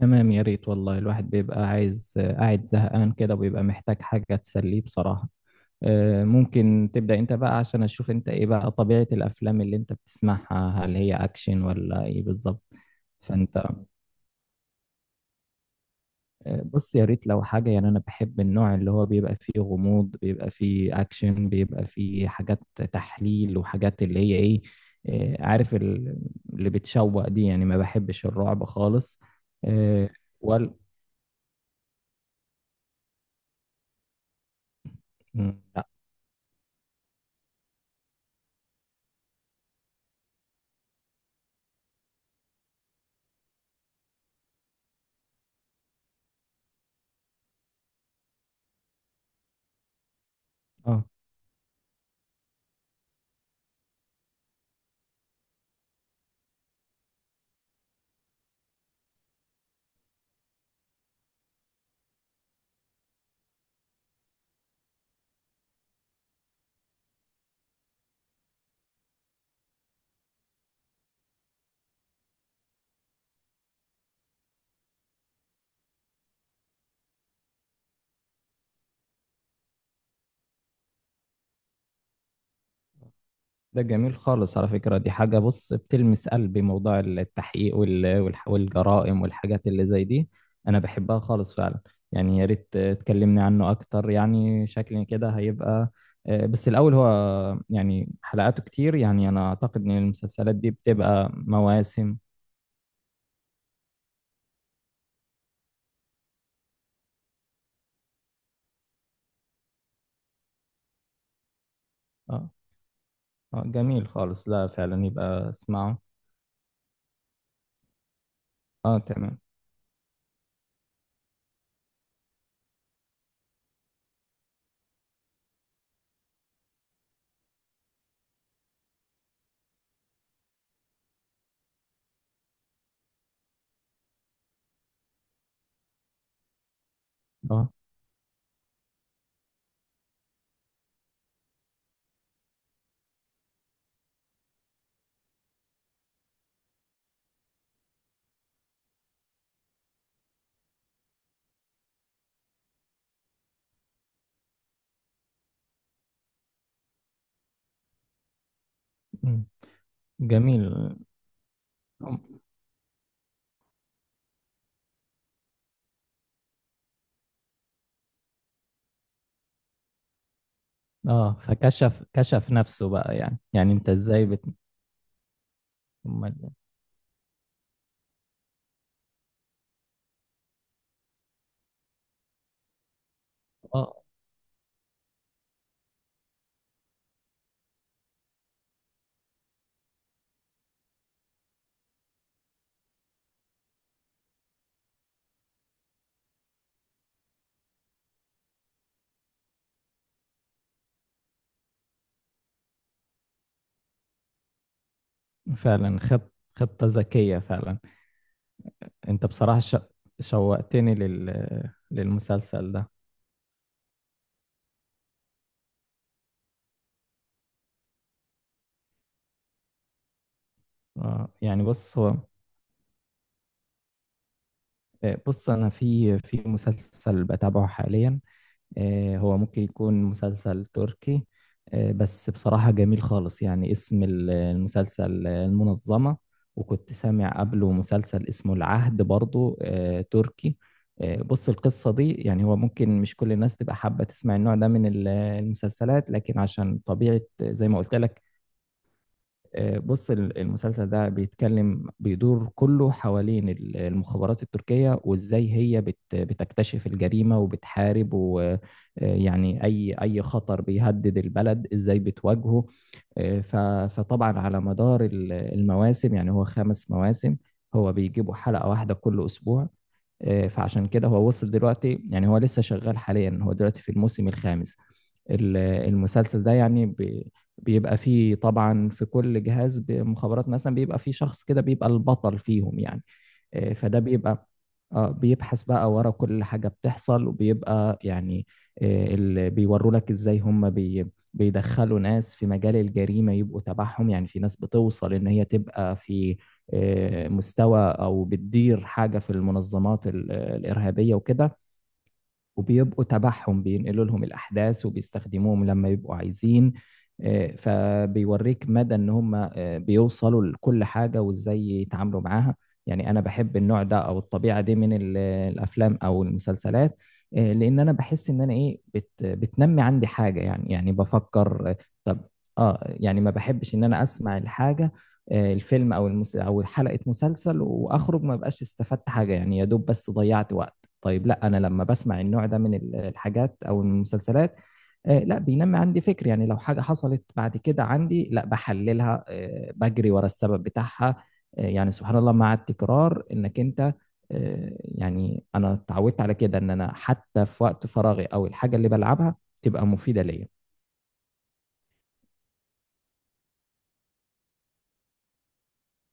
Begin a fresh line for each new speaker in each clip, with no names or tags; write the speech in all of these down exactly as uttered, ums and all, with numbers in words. تمام يا ريت والله الواحد بيبقى عايز آه، قاعد زهقان كده وبيبقى محتاج حاجة تسليه بصراحة. آه، ممكن تبدأ انت بقى عشان اشوف انت ايه بقى طبيعة الافلام اللي انت بتسمعها، هل هي اكشن ولا ايه بالظبط؟ فانت آه، بص يا ريت لو حاجة، يعني انا بحب النوع اللي هو بيبقى فيه غموض، بيبقى فيه اكشن، بيبقى فيه حاجات تحليل وحاجات اللي هي ايه. آه، عارف ال- اللي بتشوق دي، يعني ما بحبش الرعب خالص. آه، ولا مم، لا. اه، ده جميل خالص على فكرة، دي حاجة بص بتلمس قلبي، موضوع التحقيق وال- والح- والجرائم والحاجات اللي زي دي أنا بحبها خالص فعلا. يعني يا ريت تكلمني عنه أكتر، يعني شكلي كده هيبقى. آه، بس الأول هو، يعني حلقاته كتير، يعني أنا أعتقد إن المسلسلات دي بتبقى مواسم. أه، أه، جميل خالص، لا فعلا يبقى اسمعه. أه تمام. أه. مم. جميل. أم- أه، فكشف كشف نفسه بقى، يعني يعني أنت إزاي بت... أمال؟ اه فعلا، خط خطة ذكية فعلا. انت بصراحة ش... شوقتني لل... للمسلسل ده. آه، يعني بص هو. آه، بص انا في في مسلسل بتابعه حاليا. آه، هو ممكن يكون مسلسل تركي. آه، بس بصراحة جميل خالص، يعني اسم ال- المسلسل آه، المنظمة. وكنت سامع قبله مسلسل اسمه العهد برضو، آه، تركي. آه، بص القصة دي، يعني هو ممكن مش كل الناس تبقى حابة تسمع النوع ده من ال- المسلسلات، لكن عشان طبيعة زي ما قلت لك. آه، بص ال- المسلسل ده بيتكلم، بيدور كله حوالين ال- المخابرات التركية، وازاي هي بت- بتكتشف الجريمة وبتحارب، ويعني اي اي خطر بيهدد البلد ازاي بتواجهه. آه، ف- فطبعا على مدار ال- المواسم، يعني هو خمس مواسم. هو بيجيبوا حلقة واحدة كل اسبوع. آه، فعشان كده هو وصل دلوقتي، يعني هو لسه شغال حاليا، هو دلوقتي في الموسم الخامس. ال- المسلسل ده يعني بي- بيبقى فيه طبعا في كل جهاز بمخابرات مثلا بيبقى فيه شخص كده بيبقى البطل فيهم يعني. آه، فده بيبقى، آه، بيبحث بقى ورا كل حاجة بتحصل وبيبقى يعني. آه، اللي بيوروا لك ازاي هم بي بيدخلوا ناس في مجال الجريمة يبقوا تبعهم، يعني في ناس بتوصل ان هي تبقى في آه، مستوى او بتدير حاجة في المنظمات ال- الإرهابية وكده، وبيبقوا تبعهم بينقلوا لهم الأحداث وبيستخدموهم لما يبقوا عايزين. آه، فبيوريك مدى ان هم آه، بيوصلوا لكل حاجة وازاي يتعاملوا معاها. يعني انا بحب النوع ده او الطبيعة دي من ال- الافلام او المسلسلات. آه، لان انا بحس ان انا ايه بت بتنمي عندي حاجة، يعني يعني بفكر. آه، طب اه، يعني ما بحبش ان انا اسمع الحاجة. آه، الفيلم او المس... او حلقة مسلسل واخرج ما بقاش استفدت حاجة، يعني يا دوب بس ضيعت وقت. طيب لا، انا لما بسمع النوع ده من ال- الحاجات او المسلسلات، آه، لا بينمي عندي فكر، يعني لو حاجة حصلت بعد كده عندي لا بحللها، آه، بجري ورا السبب بتاعها. آه، يعني سبحان الله مع التكرار انك انت، آه، يعني انا اتعودت على كده ان انا حتى في وقت فراغي او الحاجة اللي بلعبها تبقى مفيدة ليا.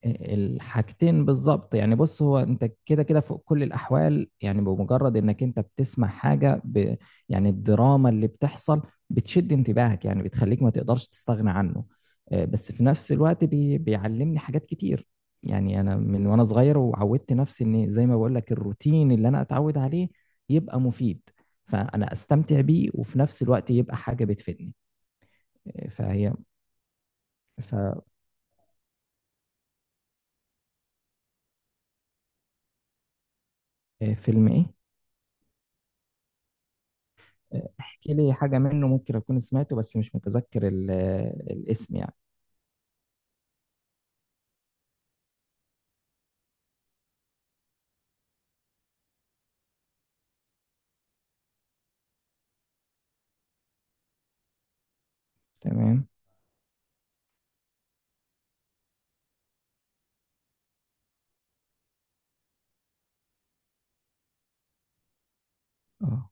الحاجتين بالظبط، يعني بص هو انت كده كده فوق كل الاحوال يعني، بمجرد انك انت بتسمع حاجه ب... يعني الدراما اللي بتحصل بتشد انتباهك، يعني بتخليك ما تقدرش تستغنى عنه. آه، بس في نفس الوقت بي... بيعلمني حاجات كتير. يعني انا من وانا صغير وعودت نفسي ان زي ما بقول لك الروتين اللي انا اتعود عليه يبقى مفيد، فانا استمتع بيه وفي نفس الوقت يبقى حاجه بتفيدني. آه، فهي ففيلم ايه؟ احكي لي حاجة منه ممكن أكون سمعته بس مش متذكر ال- الاسم يعني. تمام. اه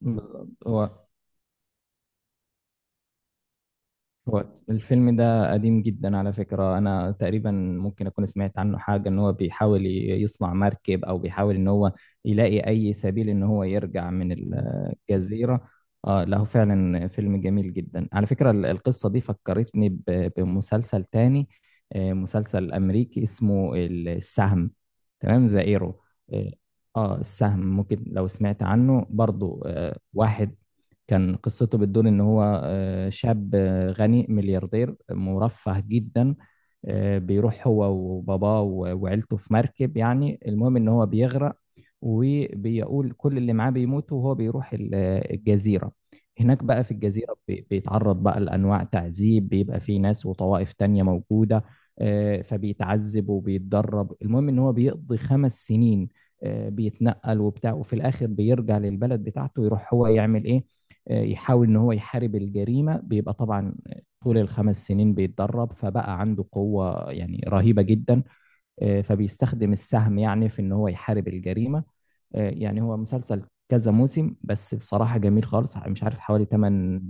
بالظبط. هو هو الفيلم ده قديم جدا على فكرة، أنا تقريبا ممكن أكون سمعت عنه حاجة إن هو بيحاول ي- يصنع مركب، أو بيحاول إن هو يلاقي أي سبيل إن هو يرجع من الجزيرة. آه له فعلا فيلم جميل جدا على فكرة. ال- القصة دي فكرتني ب- بمسلسل تاني. آه، مسلسل أمريكي اسمه ال- السهم. تمام، ذا إيرو. اه. آه، السهم ممكن لو سمعت عنه برضو، آه واحد كان قصته بتدور ان هو، آه، شاب آه، غني ملياردير مرفه جدا. آه، بيروح هو وباباه و- وعيلته في مركب، يعني المهم ان هو بيغرق. وبيقول كل اللي معاه بيموتوا وهو بيروح ال- آه، الجزيرة. هناك بقى في الجزيرة بي- بيتعرض بقى لأنواع تعذيب، بيبقى في ناس وطوائف تانية موجودة. آه، فبيتعذب وبيتدرب، المهم ان هو بيقضي خمس سنين. آه، بيتنقل وبتاع، وفي الآخر بيرجع للبلد بتاعته يروح هو يعمل ايه، يحاول ان هو يحارب الجريمه. بيبقى طبعا طول الخمس سنين بيتدرب فبقى عنده قوه يعني رهيبه جدا. آه، فبيستخدم السهم يعني في ان هو يحارب الجريمه. آه، يعني هو مسلسل كذا موسم بس بصراحه جميل خالص، مش عارف حوالي ثمانية.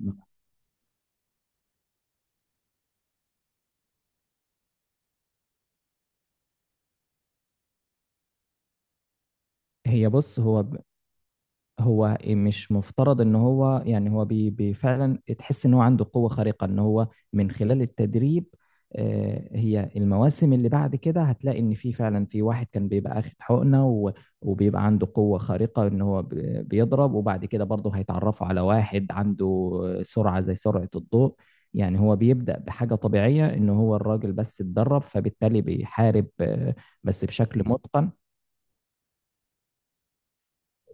هي بص هو هو مش مفترض ان هو يعني، هو بي بي فعلا تحس ان هو عنده قوة خارقة، ان هو من خلال التدريب. آه، هي المواسم اللي بعد كده هتلاقي ان في فعلا في واحد كان بيبقى اخد حقنة و- وبيبقى عنده قوة خارقة ان هو ب- بيضرب. وبعد كده برضه هيتعرفوا على واحد عنده سرعة زي سرعة الضوء. يعني هو بيبدأ بحاجة طبيعية ان هو الراجل بس اتدرب، فبالتالي بيحارب آه، بس بشكل متقن.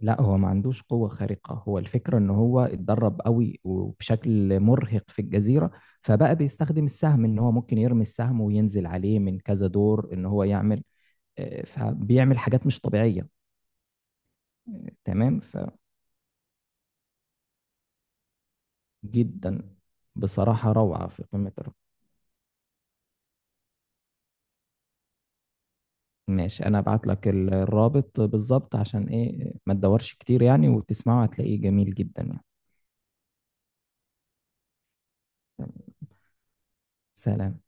لا هو ما عندوش قوة خارقة، هو الفكرة ان هو اتدرب قوي وبشكل مرهق في الجزيرة، فبقى بيستخدم السهم ان هو ممكن يرمي السهم وينزل عليه من كذا دور ان هو يعمل. آه، فبيعمل حاجات مش طبيعية. تمام. فجدا بصراحة روعة في قمة الروعة. ماشي، انا ابعت لك ال- الرابط بالظبط عشان ايه ما تدورش كتير يعني، وتسمعه هتلاقيه جميل جدا يعني. تمام. سلام.